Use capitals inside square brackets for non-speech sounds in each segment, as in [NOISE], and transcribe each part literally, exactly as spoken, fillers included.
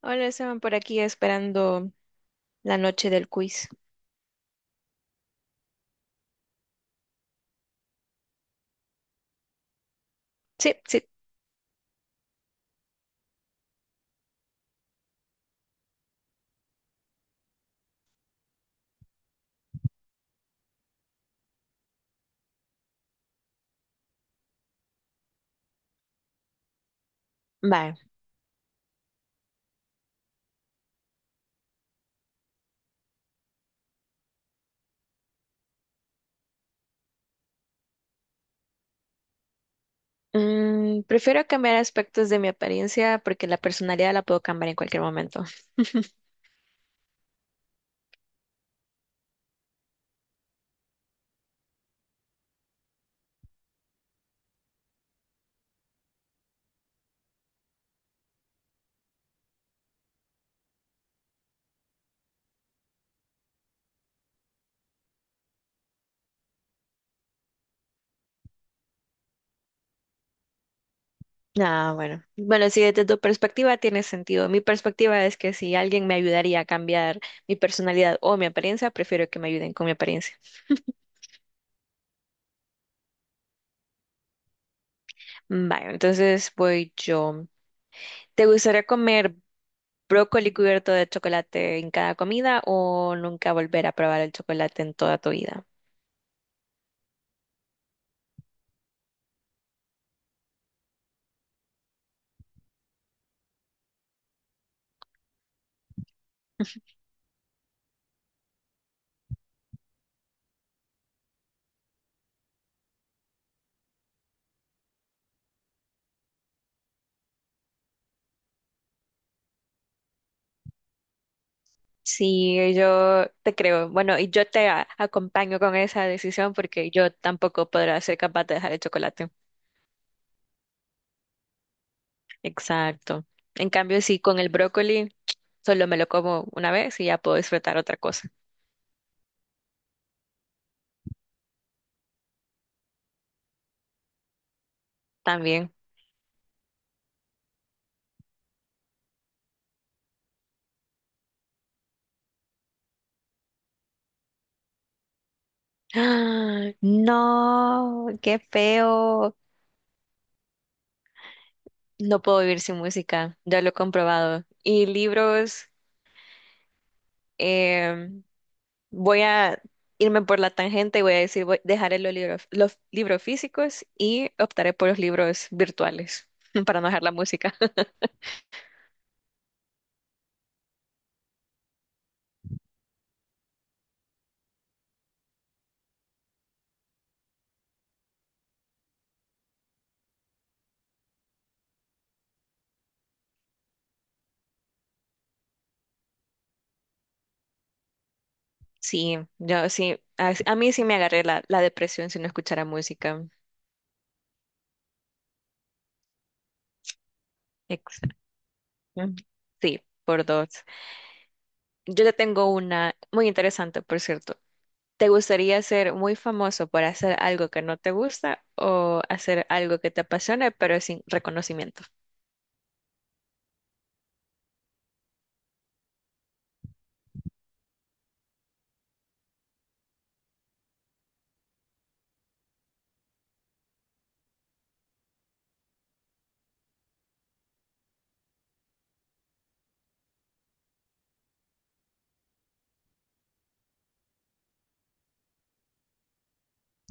Hola, estaban por aquí esperando la noche del quiz. Sí, sí. Vale. Mm, prefiero cambiar aspectos de mi apariencia porque la personalidad la puedo cambiar en cualquier momento. Ah, bueno. Bueno, sí, desde tu perspectiva tiene sentido. Mi perspectiva es que si alguien me ayudaría a cambiar mi personalidad o mi apariencia, prefiero que me ayuden con mi apariencia. Vale, entonces voy yo. ¿Te gustaría comer brócoli cubierto de chocolate en cada comida o nunca volver a probar el chocolate en toda tu vida? Sí, yo te creo. Bueno, y yo te a- acompaño con esa decisión porque yo tampoco podrá ser capaz de dejar el chocolate. Exacto. En cambio, sí, con el brócoli solo me lo como una vez y ya puedo disfrutar otra cosa también. ¡Ah! No, qué feo. No puedo vivir sin música. Ya lo he comprobado. Y libros, em, voy a irme por la tangente y voy a decir, voy, dejaré los libros, los libros físicos y optaré por los libros virtuales [LAUGHS] para no dejar la música. [LAUGHS] Sí, yo sí, a, a mí sí me agarré la, la depresión si no escuchara música. Exacto. Sí, por dos. Yo te tengo una muy interesante, por cierto. ¿Te gustaría ser muy famoso por hacer algo que no te gusta o hacer algo que te apasione pero sin reconocimiento?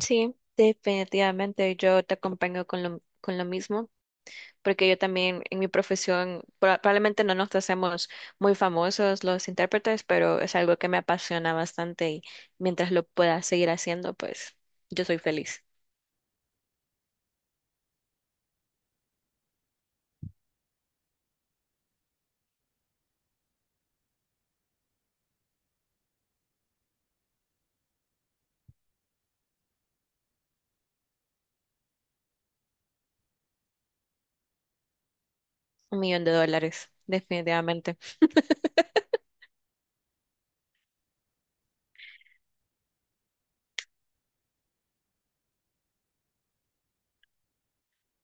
Sí, definitivamente yo te acompaño con lo, con lo mismo, porque yo también en mi profesión proba- probablemente no nos hacemos muy famosos los intérpretes, pero es algo que me apasiona bastante y mientras lo pueda seguir haciendo, pues yo soy feliz. Un millón de dólares, definitivamente.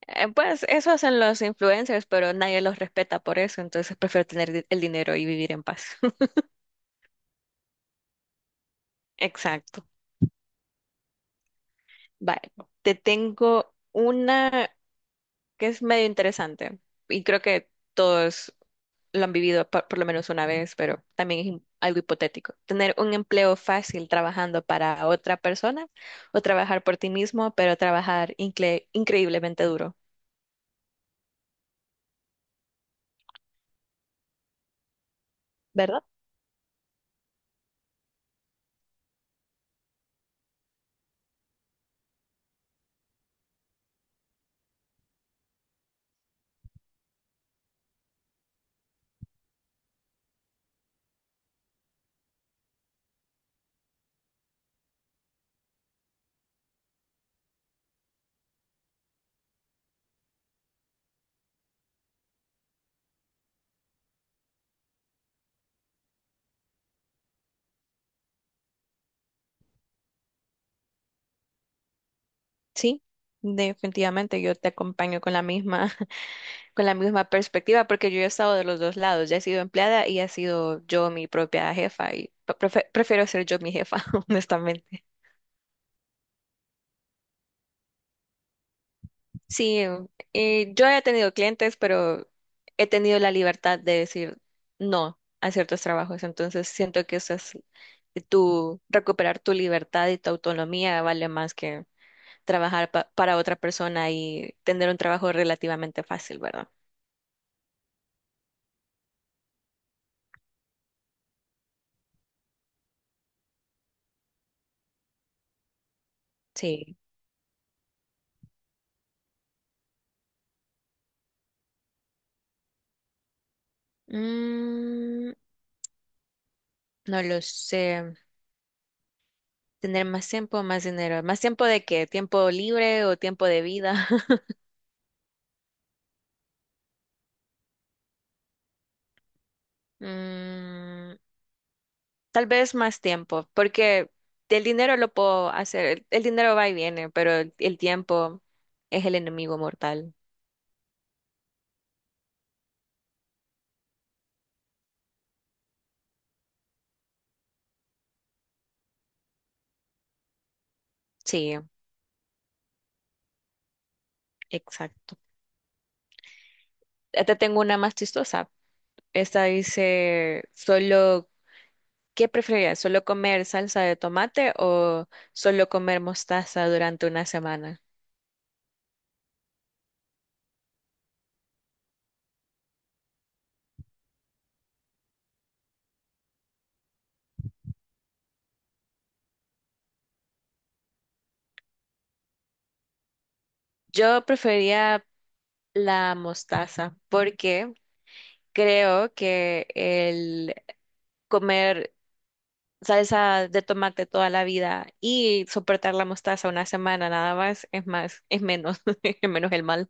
Eh, pues eso hacen los influencers, pero nadie los respeta por eso, entonces prefiero tener di- el dinero y vivir en paz. [LAUGHS] Exacto. Vale, te tengo una que es medio interesante. Y creo que todos lo han vivido por, por lo menos una vez, pero también es im- algo hipotético. Tener un empleo fácil trabajando para otra persona o trabajar por ti mismo, pero trabajar incre- increíblemente duro, ¿verdad? Sí, definitivamente yo te acompaño con la misma, [LAUGHS] con la misma perspectiva, porque yo he estado de los dos lados, ya he sido empleada y he sido yo mi propia jefa y pre- prefe- prefiero ser yo mi jefa, [LAUGHS] honestamente. Sí, eh, yo he tenido clientes, pero he tenido la libertad de decir no a ciertos trabajos. Entonces siento que eso es eh, tu recuperar tu libertad y tu autonomía vale más que trabajar pa- para otra persona y tener un trabajo relativamente fácil, ¿verdad? Sí. Mm, no lo sé. Tener más tiempo, más dinero. ¿Más tiempo de qué? ¿Tiempo libre o tiempo de vida? [LAUGHS] Mm, Tal vez más tiempo, porque el dinero lo puedo hacer, el, el dinero va y viene, pero el, el tiempo es el enemigo mortal. Sí, exacto. Ya te tengo una más chistosa. Esta dice, solo, ¿qué preferirías? ¿Solo comer salsa de tomate o solo comer mostaza durante una semana? Yo preferiría la mostaza porque creo que el comer salsa de tomate toda la vida y soportar la mostaza una semana nada más es más, es menos, [LAUGHS] es menos el mal.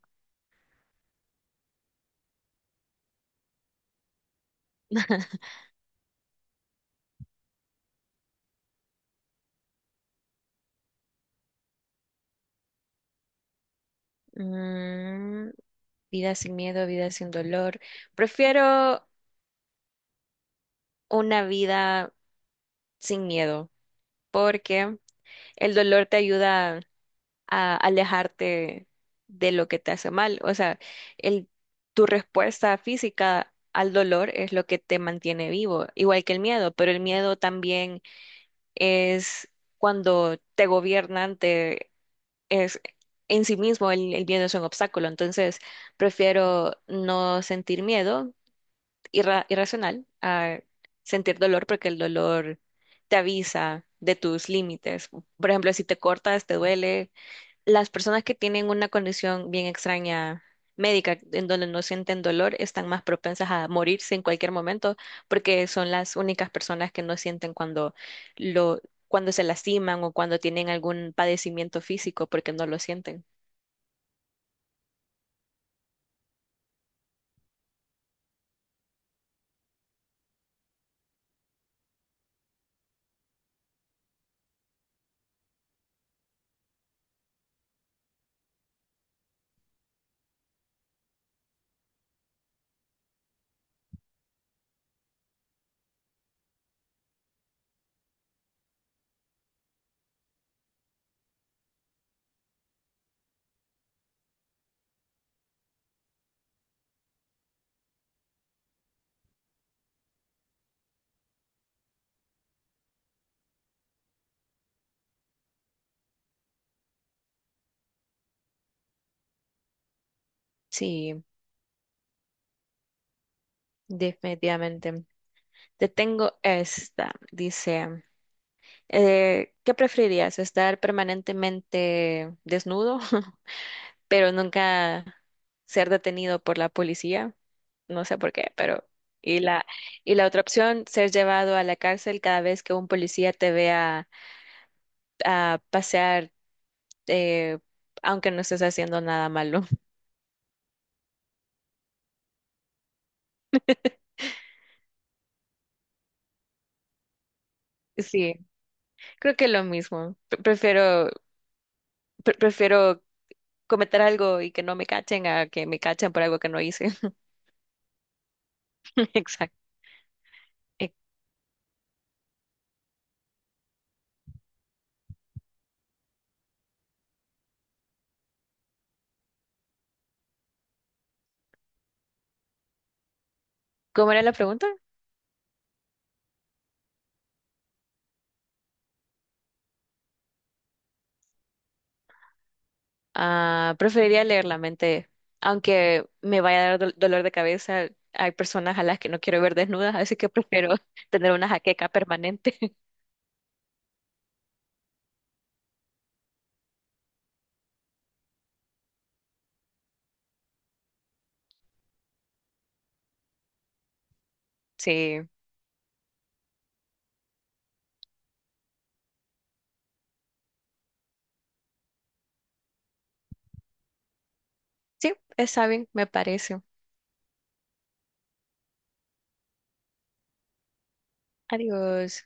Mm, Vida sin miedo, vida sin dolor. Prefiero una vida sin miedo porque el dolor te ayuda a alejarte de lo que te hace mal. O sea, el, tu respuesta física al dolor es lo que te mantiene vivo, igual que el miedo, pero el miedo también es cuando te gobiernan, te, es en sí mismo el, el miedo es un obstáculo. Entonces, prefiero no sentir miedo irra- irracional a sentir dolor porque el dolor te avisa de tus límites. Por ejemplo, si te cortas, te duele, las personas que tienen una condición bien extraña médica, en donde no sienten dolor, están más propensas a morirse en cualquier momento, porque son las únicas personas que no sienten cuando lo, cuando se lastiman o cuando tienen algún padecimiento físico, porque no lo sienten. Sí, definitivamente. Te tengo esta, dice, eh, ¿qué preferirías? ¿Estar permanentemente desnudo [LAUGHS] pero nunca ser detenido por la policía, no sé por qué, pero y la y la otra opción, ser llevado a la cárcel cada vez que un policía te vea a pasear, eh, aunque no estés haciendo nada malo? [LAUGHS] Sí, creo que lo mismo. Pre- Prefiero pre- prefiero cometer algo y que no me cachen a que me cachen por algo que no hice. [LAUGHS] Exacto. Eh, ¿Cómo era la pregunta? Ah, preferiría leer la mente, aunque me vaya a dar dol- dolor de cabeza. Hay personas a las que no quiero ver desnudas, así que prefiero [LAUGHS] tener una jaqueca permanente. [LAUGHS] Sí, sí, está bien, me parece. Adiós.